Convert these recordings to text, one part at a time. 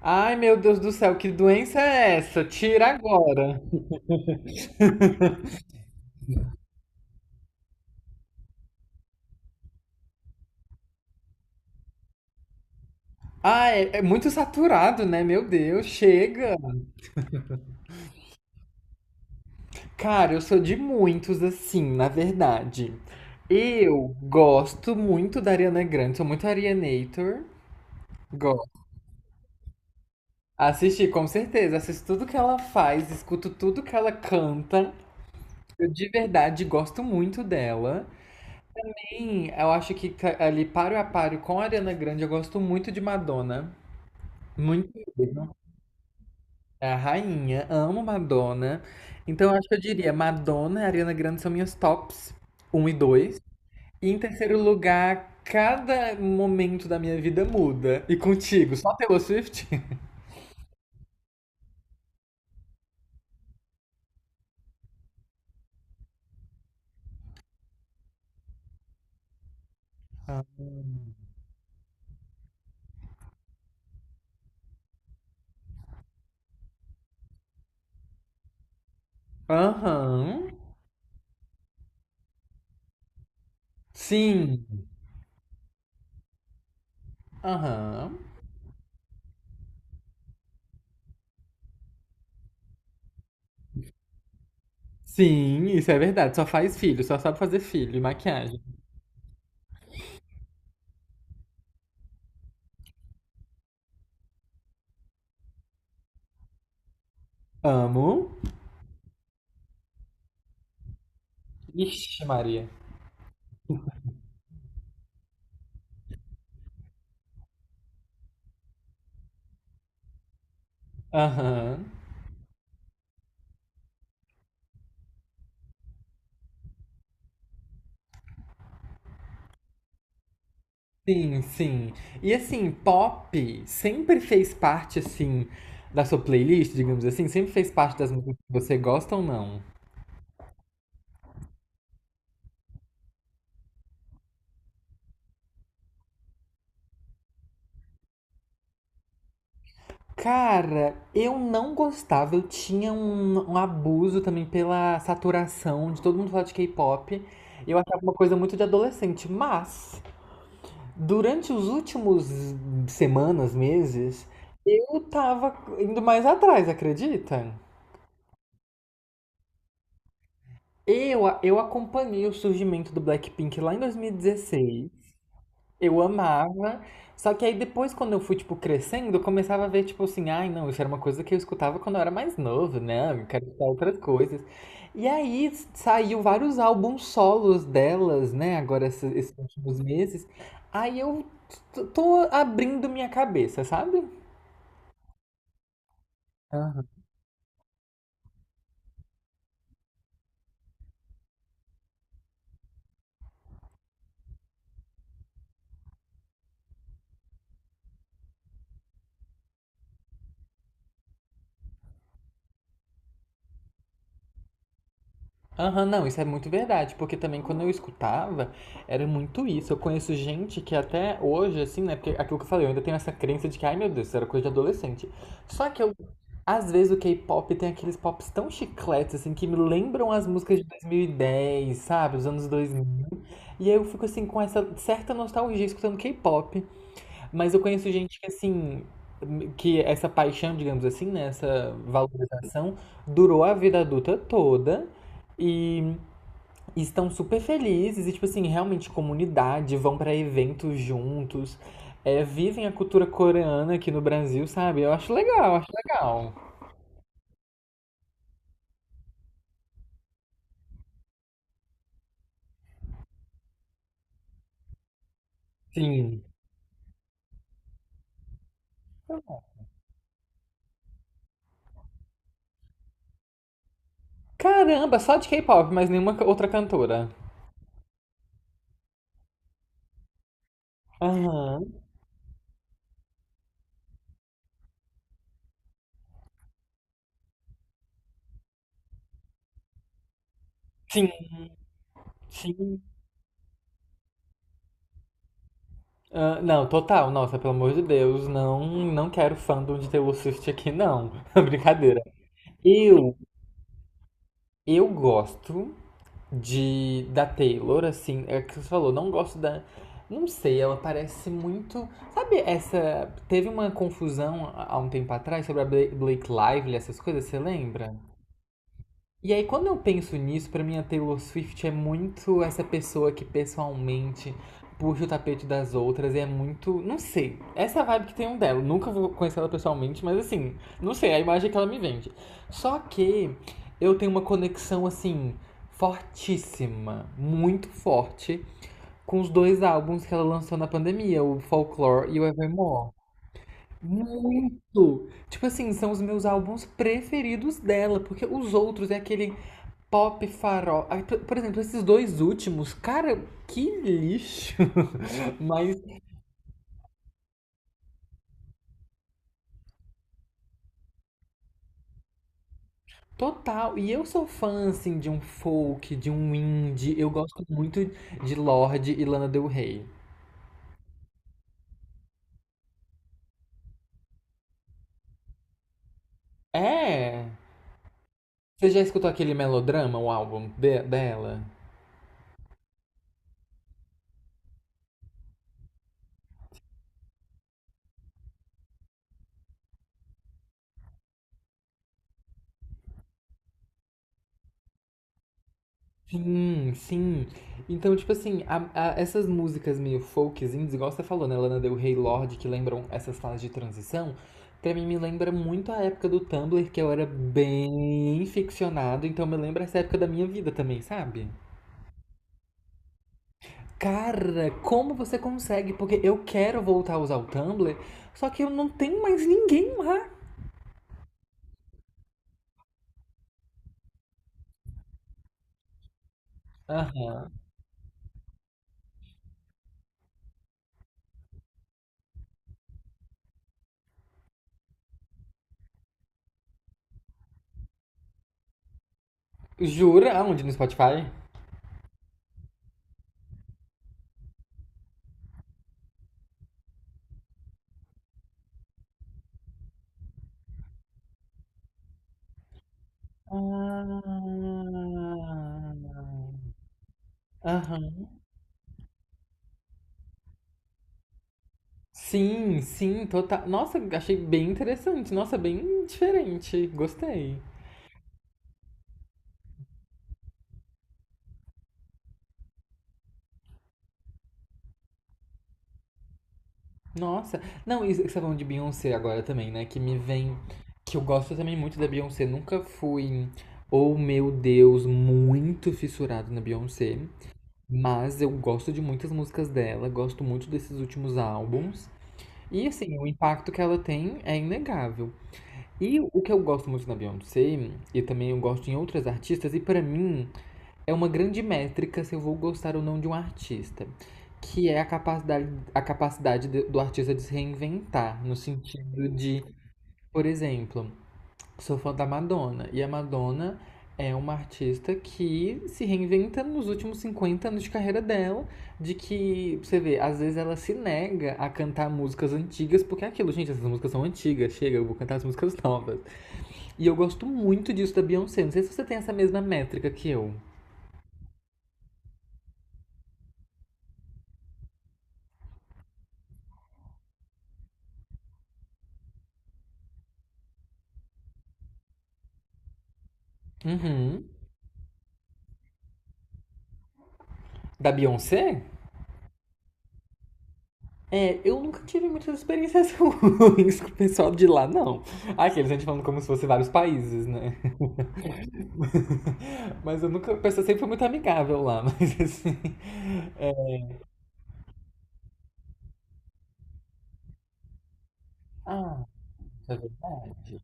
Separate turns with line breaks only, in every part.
Ai, meu Deus do céu, que doença é essa? Tira agora. Ah, é muito saturado, né? Meu Deus, chega. Cara, eu sou de muitos assim, na verdade. Eu gosto muito da Ariana Grande, sou muito Arianator. Gosto. Assisti, com certeza. Assisto tudo que ela faz, escuto tudo que ela canta. Eu de verdade gosto muito dela. Sim, eu acho que ali paro a paro com a Ariana Grande, eu gosto muito de Madonna. Muito. É a rainha, amo Madonna. Então, eu acho que eu diria Madonna e Ariana Grande são minhas tops um e dois. E em terceiro lugar, cada momento da minha vida muda. E contigo, só Taylor Swift? Ah. Aham. Sim. Aham. Sim, isso é verdade. Só faz filho, só sabe fazer filho e maquiagem. Amo. Ixi, Maria. Aham. Sim, sim. E assim, pop sempre fez parte, assim, da sua playlist, digamos assim? Sempre fez parte das músicas que você gosta ou não? Cara, eu não gostava. Eu tinha um abuso também pela saturação de todo mundo falar de K-pop. Eu achava uma coisa muito de adolescente. Mas, durante os últimos semanas, meses, eu tava indo mais atrás, acredita? Eu acompanhei o surgimento do Blackpink lá em 2016. Eu amava. Só que aí depois, quando eu fui, tipo, crescendo, eu começava a ver, tipo assim, ai, não, isso era uma coisa que eu escutava quando eu era mais novo, né? Eu quero escutar outras coisas. E aí saiu vários álbuns solos delas, né? Agora, esses últimos meses. Aí eu tô abrindo minha cabeça, sabe? Aham, não, isso é muito verdade, porque também quando eu escutava, era muito isso. Eu conheço gente que até hoje, assim, né? Porque aquilo que eu falei, eu ainda tenho essa crença de que, ai meu Deus, isso era coisa de adolescente. Só que eu, às vezes, o K-pop tem aqueles pops tão chicletes, assim, que me lembram as músicas de 2010, sabe? Os anos 2000. E aí eu fico, assim, com essa certa nostalgia escutando K-pop. Mas eu conheço gente que, assim, que essa paixão, digamos assim, né, essa valorização durou a vida adulta toda e estão super felizes e, tipo assim, realmente comunidade, vão pra eventos juntos, é, vivem a cultura coreana aqui no Brasil, sabe? Eu acho legal, acho legal. Sim. Caramba, só de K-pop, mas nenhuma outra cantora. Aham. Sim, sim. Ah, não, total, nossa, pelo amor de Deus, não, não quero fandom de Taylor Swift aqui, não. Brincadeira. Eu, eu gosto de da Taylor, assim, é o que você falou, não gosto da. Não sei, ela parece muito. Sabe, essa. Teve uma confusão há um tempo atrás sobre a Blake Lively, essas coisas, você lembra? E aí, quando eu penso nisso, pra mim a Taylor Swift é muito essa pessoa que pessoalmente puxa o tapete das outras e é muito. Não sei. Essa vibe que tem um dela. Nunca vou conhecer ela pessoalmente, mas assim, não sei, é a imagem que ela me vende. Só que eu tenho uma conexão, assim, fortíssima, muito forte, com os dois álbuns que ela lançou na pandemia, o Folklore e o Evermore. Muito! Tipo assim, são os meus álbuns preferidos dela, porque os outros é aquele pop, farol. Por exemplo, esses dois últimos, cara, que lixo. Mas total. E eu sou fã, assim, de um folk, de um indie. Eu gosto muito de Lorde e Lana Del Rey. É. Você já escutou aquele Melodrama, o álbum dela? Sim, sim. Então, tipo assim, essas músicas meio folkzinhas, igual você falou, né, Lana Del Rey, Lorde, que lembram essas fases de transição, pra mim me lembra muito a época do Tumblr, que eu era bem ficcionado, então me lembra essa época da minha vida também, sabe? Cara, como você consegue? Porque eu quero voltar a usar o Tumblr, só que eu não tenho mais ninguém lá. Aham. Jura? Aonde? No Spotify? Ah. Aham. Sim, sim, total. Nossa, achei bem interessante. Nossa, bem diferente. Gostei. Nossa. Não, isso que você tá falando de Beyoncé agora também, né? Que me vem. Que eu gosto também muito da Beyoncé. Nunca fui, oh meu Deus, muito fissurado na Beyoncé. Mas eu gosto de muitas músicas dela, gosto muito desses últimos álbuns. E assim, o impacto que ela tem é inegável. E o que eu gosto muito na Beyoncé, e também eu gosto em outras artistas, e pra mim é uma grande métrica se eu vou gostar ou não de um artista, que é a capacidade do artista de se reinventar, no sentido de, por exemplo, sou fã da Madonna, e a Madonna é uma artista que se reinventa nos últimos 50 anos de carreira dela, de que, pra você vê, às vezes ela se nega a cantar músicas antigas, porque é aquilo, gente, essas músicas são antigas, chega, eu vou cantar as músicas novas. E eu gosto muito disso da Beyoncé. Não sei se você tem essa mesma métrica que eu. Uhum. Da Beyoncé? É, eu nunca tive muitas experiências ruins com o pessoal de lá, não. Aqueles a gente falando como se fosse vários países, né? Mas eu nunca. O pessoal sempre foi muito amigável lá, mas assim. É. Ah, isso é verdade.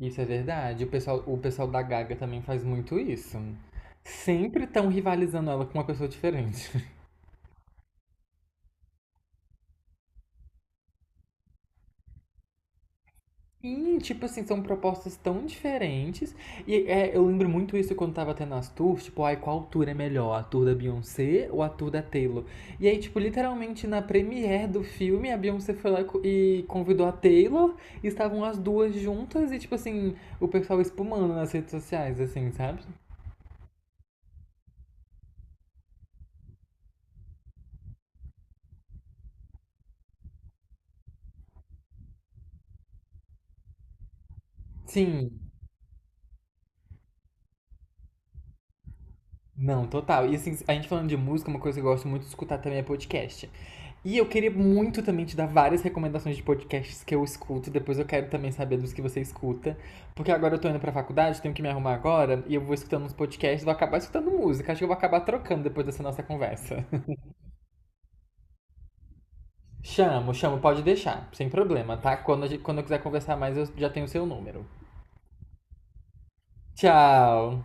Isso é verdade. O pessoal da Gaga também faz muito isso. Sempre estão rivalizando ela com uma pessoa diferente. Sim, tipo assim, são propostas tão diferentes. E é, eu lembro muito isso quando tava tendo as tours, tipo, ai, qual tour é melhor? A tour da Beyoncé ou a tour da Taylor? E aí, tipo, literalmente na premiere do filme, a Beyoncé foi lá e convidou a Taylor, e estavam as duas juntas e, tipo assim, o pessoal espumando nas redes sociais, assim, sabe? Sim, não, total. E assim, a gente falando de música, uma coisa que eu gosto muito de escutar também é podcast. E eu queria muito também te dar várias recomendações de podcasts que eu escuto. Depois eu quero também saber dos que você escuta. Porque agora eu tô indo pra faculdade, tenho que me arrumar agora. E eu vou escutando uns podcasts, vou acabar escutando música. Acho que eu vou acabar trocando depois dessa nossa conversa. Chamo, chamo, pode deixar. Sem problema, tá? Quando, a gente- quando eu quiser conversar mais, eu já tenho o seu número. Tchau!